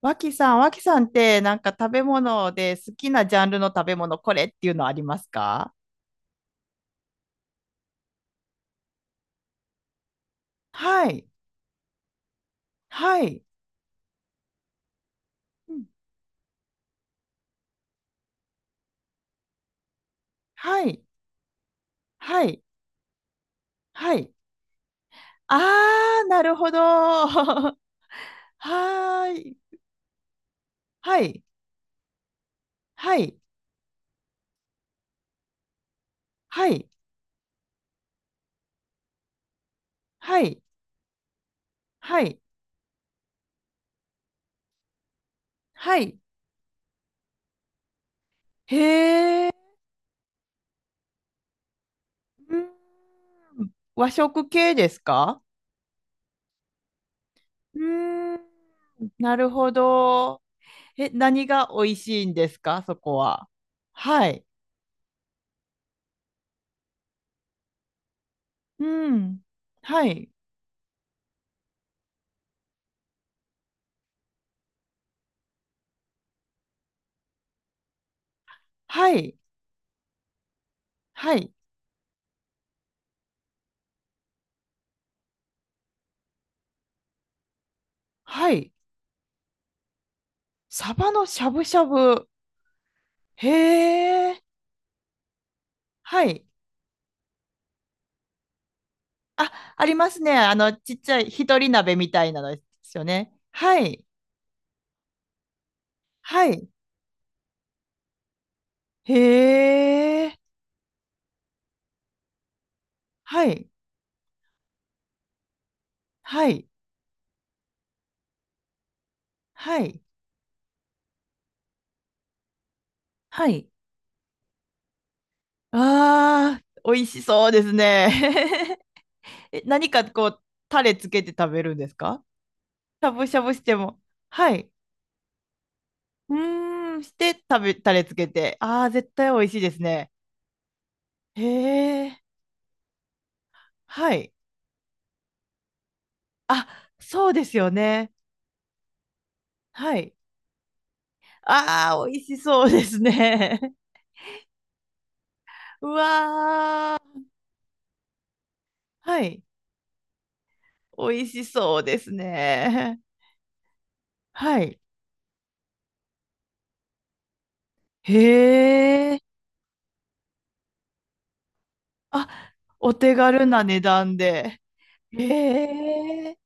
脇さんってなんか食べ物で好きなジャンルの食べ物これっていうのありますか？はい、はい、うん。はい、はい、はい。あー、なるほど。はーい、はい、はい、はい、はい、はい、はい。へー、うん。和食系ですか？うーん、なるほど。え、何が美味しいんですか、そこは？はい。うん。はい。はい。はい。はい。サバのしゃぶしゃぶ。へえ。はい。あ、ありますね。あの、ちっちゃい、ひとり鍋みたいなのですよね。はい。はい。へえ。はい。はい。はい。はい。ああ、美味しそうですね。え、何かこう、タレつけて食べるんですか？しゃぶしゃぶしても。はい。うーん、して食べ、タレつけて。ああ、絶対美味しいですね。へえ、はい。あ、そうですよね。はい。ああ、美味しそうですね。うわー、はい。美味しそうですね。はい。へえ、あ、お手軽な値段で。へえ、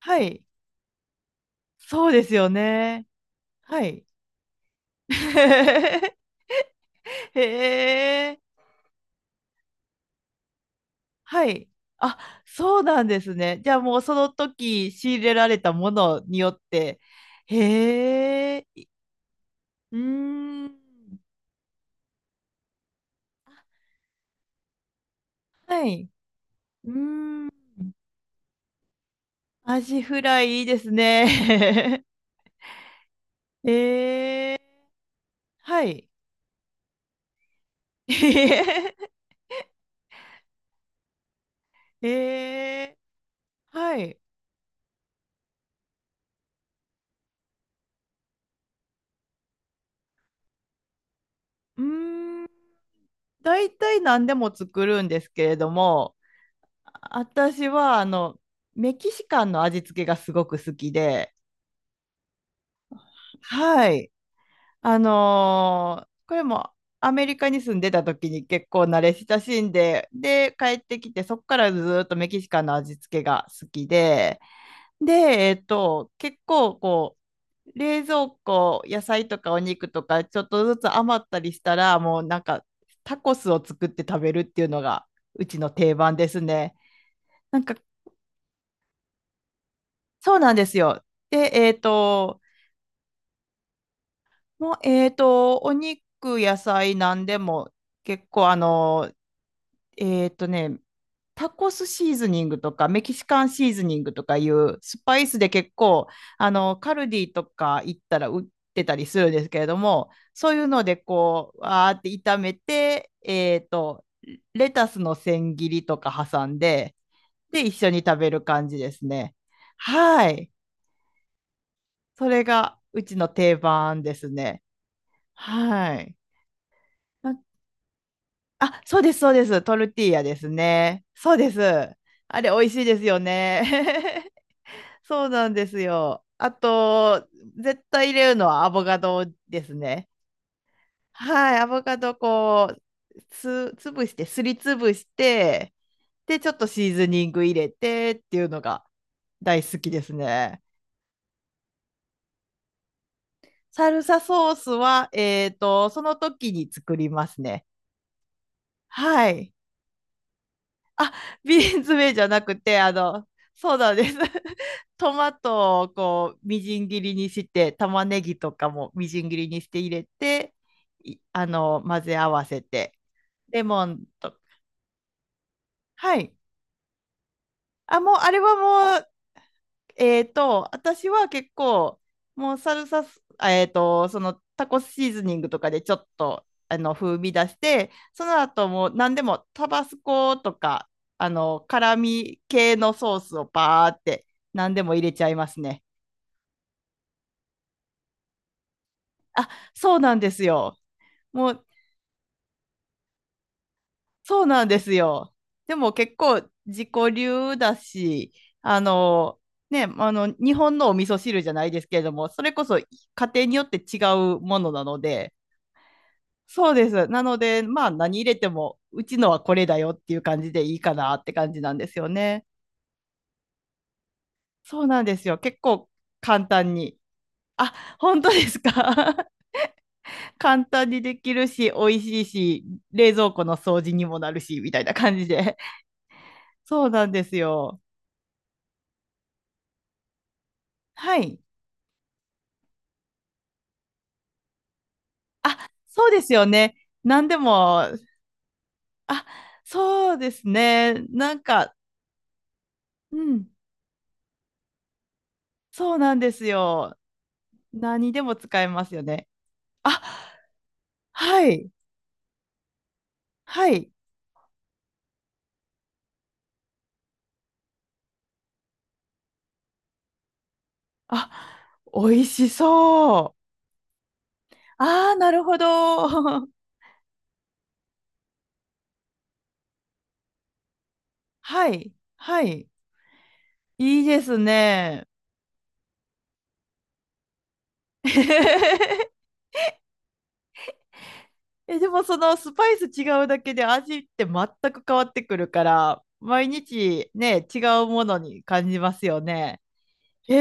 はい。そうですよね。はい。へえ、はい。あ、そうなんですね。じゃあもうその時仕入れられたものによって。へえ、うーん。はい。うーん。アジフライいいですね。へえー、はい。へえー、はい。うーん。大体何でも作るんですけれども、私はメキシカンの味付けがすごく好きで、はい。これもアメリカに住んでた時に結構慣れ親しんで、で、帰ってきて、そこからずーっとメキシカンの味付けが好きで、で、結構こう、冷蔵庫、野菜とかお肉とか、ちょっとずつ余ったりしたら、もうなんか、タコスを作って食べるっていうのが、うちの定番ですね。なんか、そうなんですよ。で、もう、お肉、野菜、なんでも、結構えーっとね、タコスシーズニングとかメキシカンシーズニングとかいうスパイスで結構カルディとか行ったら売ってたりするんですけれども、そういうのでこうわーって炒めて、レタスの千切りとか挟んで、で一緒に食べる感じですね。はい。それがうちの定番ですね。はい。なんあ、そうです、そうです。トルティーヤですね。そうです。あれ、美味しいですよね。そうなんですよ。あと、絶対入れるのはアボカドですね。はい、アボカドこう、つ、ぶして、すりつぶして、で、ちょっとシーズニング入れてっていうのが大好きですね。サルサソースは、その時に作りますね。はい。ビーンズめじゃなくて、そうなんです。トマトをこう、みじん切りにして、玉ねぎとかもみじん切りにして入れて、いあの、混ぜ合わせて、レモンと、はい。あ、もう、あれはもう、私は結構、もうサルサス、あえっと、そのタコシーズニングとかでちょっと、風味出して、その後もう何でもタバスコとか、辛味系のソースをパーって何でも入れちゃいますね。あ、そうなんですよ。もう、そうなんですよ。でも結構自己流だし、あの、日本のお味噌汁じゃないですけれども、それこそ家庭によって違うものなので、そうです。なので、まあ何入れても、うちのはこれだよっていう感じでいいかなって感じなんですよね。そうなんですよ。結構簡単に。あ、本当ですか？ 簡単にできるし、美味しいし、冷蔵庫の掃除にもなるし、みたいな感じで。そうなんですよ。はい。あ、そうですよね。何でも、あ、そうですね。なんか、うん、そうなんですよ。何でも使えますよね。あ、はい、はい。あ、美味しそう。ああ、なるほど。はい、はい。いいですね。え、でもそのスパイス違うだけで味って全く変わってくるから、毎日ね、違うものに感じますよね。へ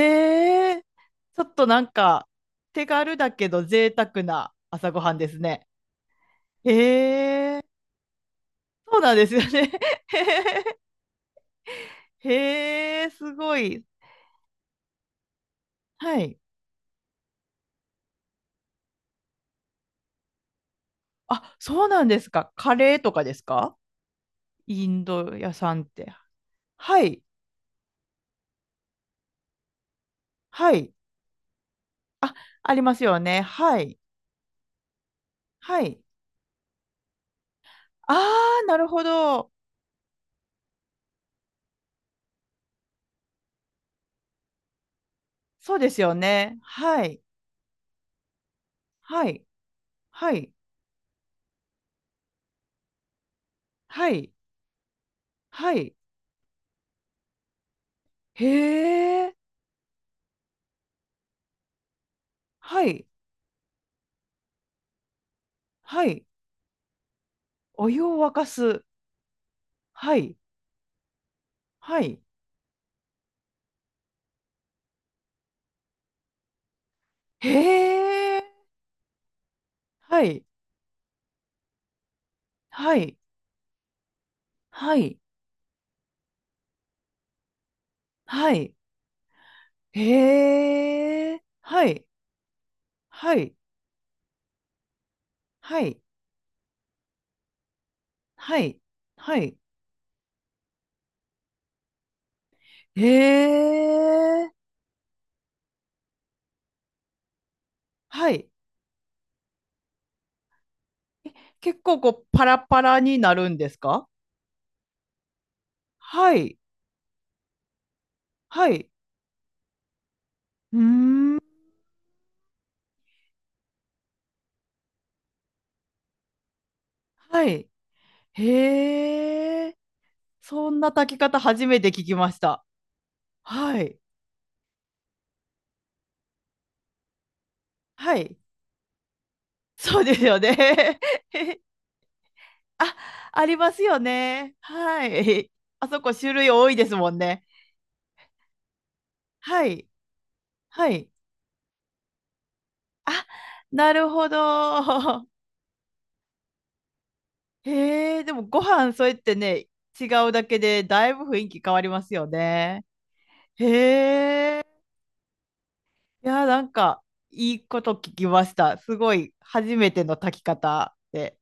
え、ちょっとなんか手軽だけど贅沢な朝ごはんですね。へえ、そうなんですよね。へえ、すごい。はい。あ、そうなんですか。カレーとかですか？インド屋さんって。はい。はい。あ、ありますよね。はい。はい。ああ、なるほど。そうですよね。はい。はい。はい。はい。はい。へえ。はい。はい。お湯を沸かす。はい。はい。へえ。はい。はい。はい。はい。へえ。はい。はい。はい。はい。はい。へえ。はい。結構こう、パラパラになるんですか？はい。はい。うーん。はい。へえ。そんな炊き方初めて聞きました。はい。はい。そうですよね。あ、ありますよね。はい。あそこ種類多いですもんね。はい。はい。あ、なるほど。へえ、でもご飯そうやってね、違うだけでだいぶ雰囲気変わりますよね。へえ。いや、なんかいいこと聞きました。すごい初めての炊き方で。